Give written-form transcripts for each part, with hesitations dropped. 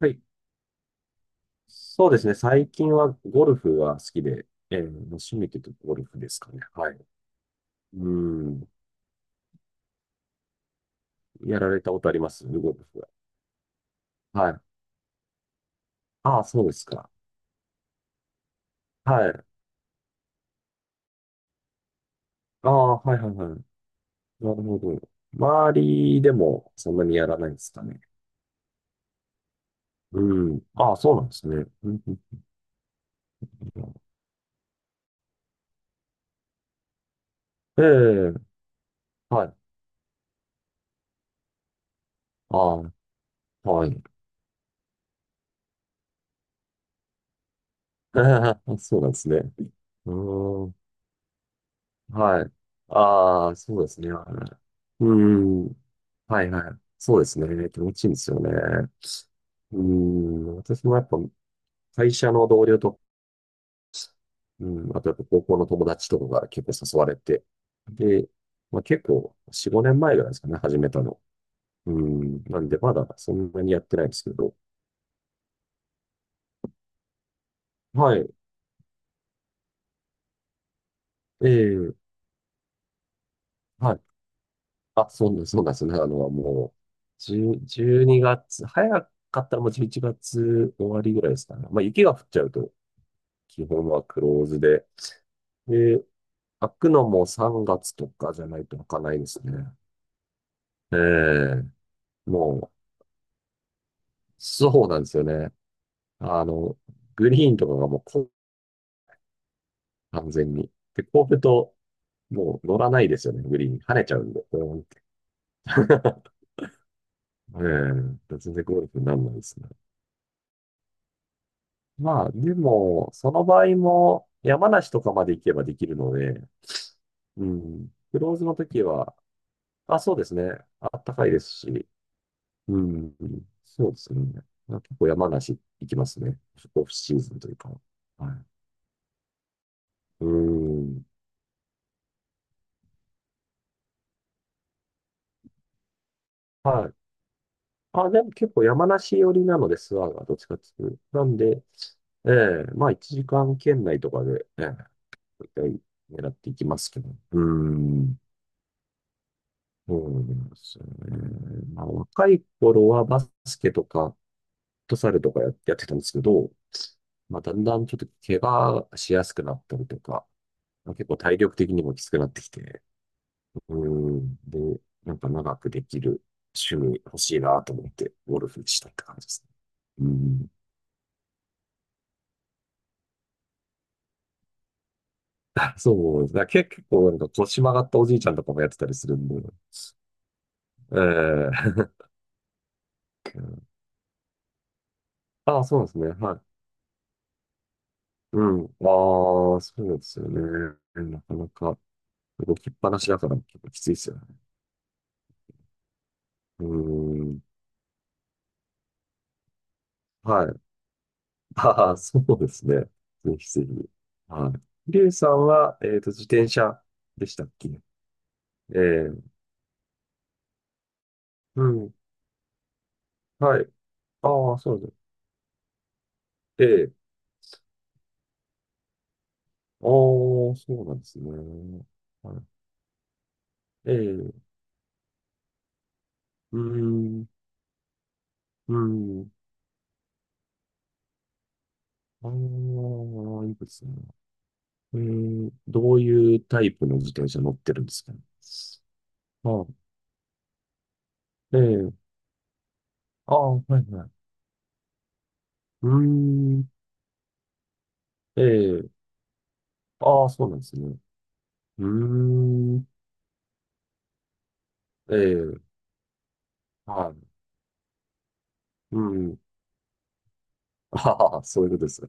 はい。そうですね。最近はゴルフは好きで、まあ趣味というとゴルフですかね。はい。うん。やられたことありますゴルフは？はい。ああ、そうですか。はい。ああ、はいはいはい。なるほど。周りでもそんなにやらないですかね？うん。ああ、そうなんですね。うんうんうんええ、はい。ああ、はい。そうなんですね。うーん。はい。ああ、そうですね。はい。うん。はいはい。そうですね。気持ちいいんですよね。うん。私もやっぱ会社の同僚と、うん、あとやっぱ高校の友達とかが結構誘われて。で、まあ、結構4、5年前ぐらいですかね、始めたの。うん。なんでまだそんなにやってないんですけど。はい。ええはい。あ、そうなんですね。もう、10、12月、早かったらもう11月終わりぐらいですかね。まあ雪が降っちゃうと、基本はクローズで。で、開くのも3月とかじゃないと開かないですね。ええもう、そうなんですよね。あの、グリーンとかがもう完全に。で、こうると、もう乗らないですよね、グリーン。跳ねちゃうんで。うん。 ええ、全然ゴルフにならないですね。まあ、でも、その場合も、山梨とかまで行けばできるので、うん、クローズの時は、あ、そうですね。あったかいですし、うん、そうですね。まあ結構山梨行きますね。オフシーズンというか。はい。うん。はい。あ、でも結構山梨寄りなので、諏訪がどっちかっていうと。なんで、ええまあ1時間圏内とかで、ええ大体狙っていきますけど。うん。そうですね。まあ若い頃はバスケとか、フットサルとかやってたんですけど、まあだんだんちょっと怪我しやすくなったりとか、まあ結構体力的にもきつくなってきて、うん。で、なんか長くできる趣味欲しいなと思って、ゴルフしたって感じですね。うん。そうですね。結構なんか腰曲がったおじいちゃんとかもやってたりするんで。ええ。 ああ、そうですね。はい。うん。ああ、そうですよね。なかなか動きっぱなしだから結構きついですよね。うーん。はい。ああ、そうですね。ぜひぜひ。はい。リュウさんは、自転車でしたっけ？ええうん。はい。ああ、そうです。ええ。ああ、そうなんですね。はい。ええ。うーん。うーん。ああ、いいですね。ええ、どういうタイプの自転車乗ってるんですかね？ああ、ええ。ああ、はいはい。うーん。ええ。ああ、そうなんですね。うーん。ええ。はい。うん。ああ、そういうことです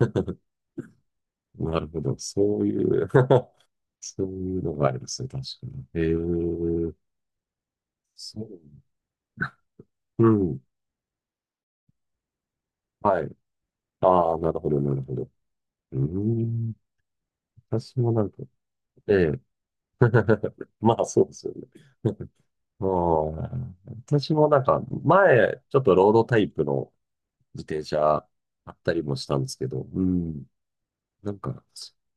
ね。なるほど。そういう そういうのがありますね。確かに。ええ。そう。うん。はい。ああ、なるほど、なるほど。うーん。私もなんか、ええ。まあ、そうですよね。うん。私もなんか、前、ちょっとロードタイプの自転車あったりもしたんですけど、うん。なんか、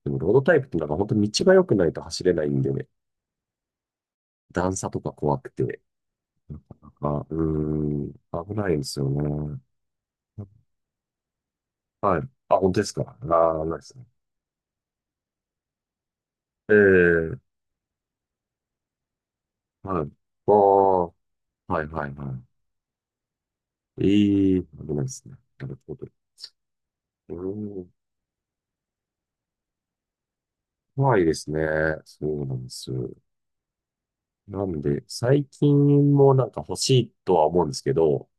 でもロードタイプってなんか本当に道が良くないと走れないんでね、段差とか怖くて、なかなか、うーん、危ないんですよね。はい。あ、本当ですか。ああ、ないですね。ええ、はい。ああ、はいはいはい。危ないですね。なるほど。うん、怖いですね。そうなんです。なんで、最近もなんか欲しいとは思うんですけど、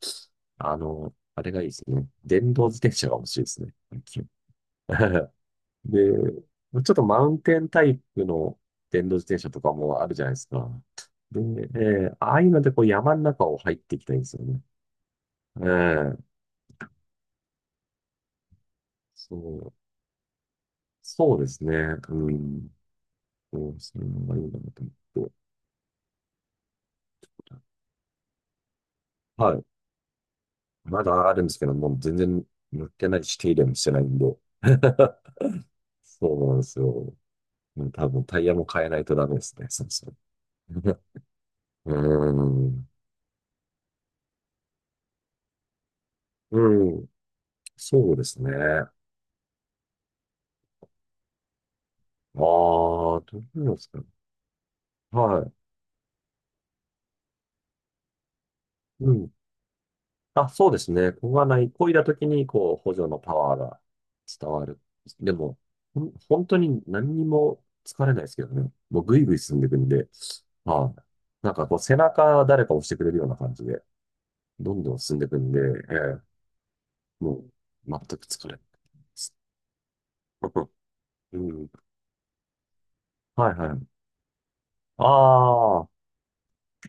あれがいいですね。電動自転車が欲しいですね。最近。 で、ちょっとマウンテンタイプの電動自転車とかもあるじゃないですか。で、ああいうのでこう山の中を入っていきたいんですよね。ええ。そう、そうですね。うん。そう、それもありだなと思って。はい。まだあるんですけど、もう全然塗ってないし、手入れもしてないんで。そうなんですよ。もう多分タイヤも変えないとダメですね。そうそう。うーん。うん。そうですね。ああ、どうですかね。はい。うん。あ、そうですね。ここがない、漕いだ時に、こう、補助のパワーが伝わる。でも、本当に何にも疲れないですけどね。もうぐいぐい進んでいくんで、はい。なんかこう、背中誰か押してくれるような感じで、どんどん進んでいくんで、ええもう、全く疲れないです。うん。はいはい。ああ、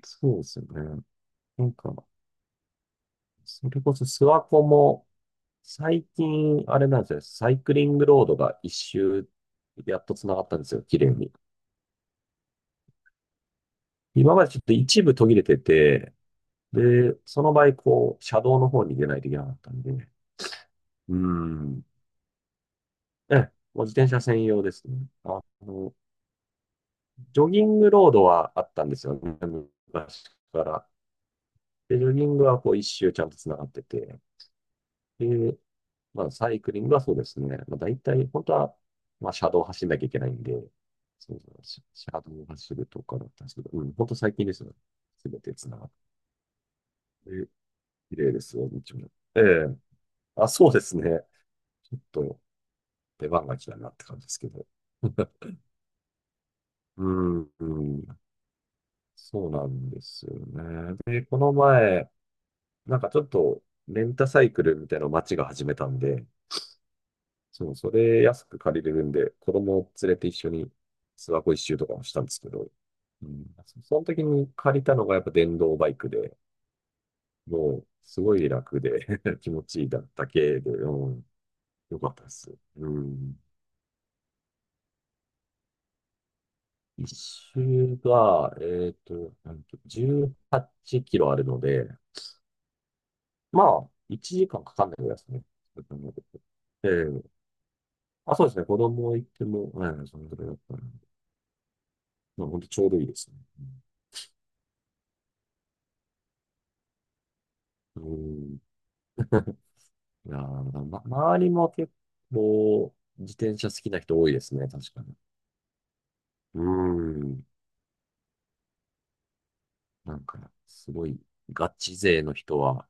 そうですよね。なんか、それこそ諏訪湖も、最近、あれなんですよね。サイクリングロードが一周、やっと繋がったんですよ。綺麗に。今までちょっと一部途切れてて、で、その場合、こう、車道の方に出ないといけなかったんで、うーん。ええ、もう自転車専用ですね。あの、ジョギングロードはあったんですよね。昔から。で、ジョギングはこう一周ちゃんと繋がってて。で、まあ、サイクリングはそうですね。まあ、大体、本当は、まあ、車道を走んなきゃいけないんで、そうそう、車道を走るとかだったんですけど、うん、本当最近ですよ。すべて繋がって、綺麗ですよ、道も。ええ。あ、そうですね。ちょっと、出番が来たなって感じですけど。うん、うん、そうなんですよね。で、この前、なんかちょっと、レンタサイクルみたいなのを街が始めたんで、そう、それ安く借りれるんで、子供を連れて一緒に諏訪湖一周とかもしたんですけど、うん、その時に借りたのがやっぱ電動バイクで、もうすごい楽で 気持ちいいだけで、うん、よかったです。うん。一周が、なんと、18キロあるので、まあ、1時間かかんないぐらいですね。ええ。あ、そうですね。子供行っても、うん、そのぐらいだったら、まあ、本当ちょうどいいですね。うん。いやー、ま、周りも結構自転車好きな人多いですね、確かに。うーん。なんか、すごい、ガチ勢の人は、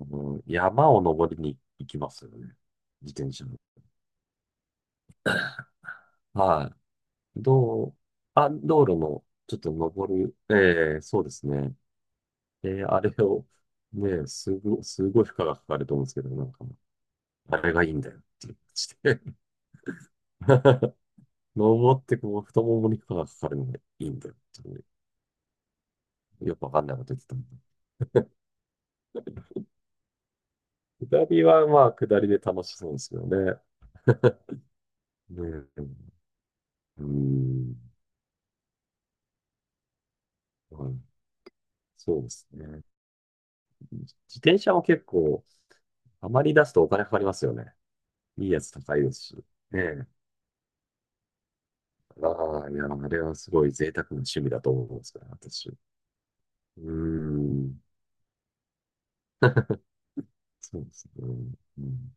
あの山を登りに行きますよね。自転車の。はい。あ、道路の、ちょっと登る、ええそうですね。あれを、ね、すごい負荷がかかると思うんですけど、なんか、あれがいいんだよっていう感じで 登って、こう、太ももに負荷がかかるのがいいんだよっていうよくわかんないこと言ってたもん。下りは、まあ、下りで楽しそうですよね。ねえ。うん、はい、そうですね。自転車も結構、あまり出すとお金かかりますよね。いいやつ高いですし。ねえ。ああ、いや、あれはすごい贅沢な趣味だと思うんですから私。うーん、そうですね。うん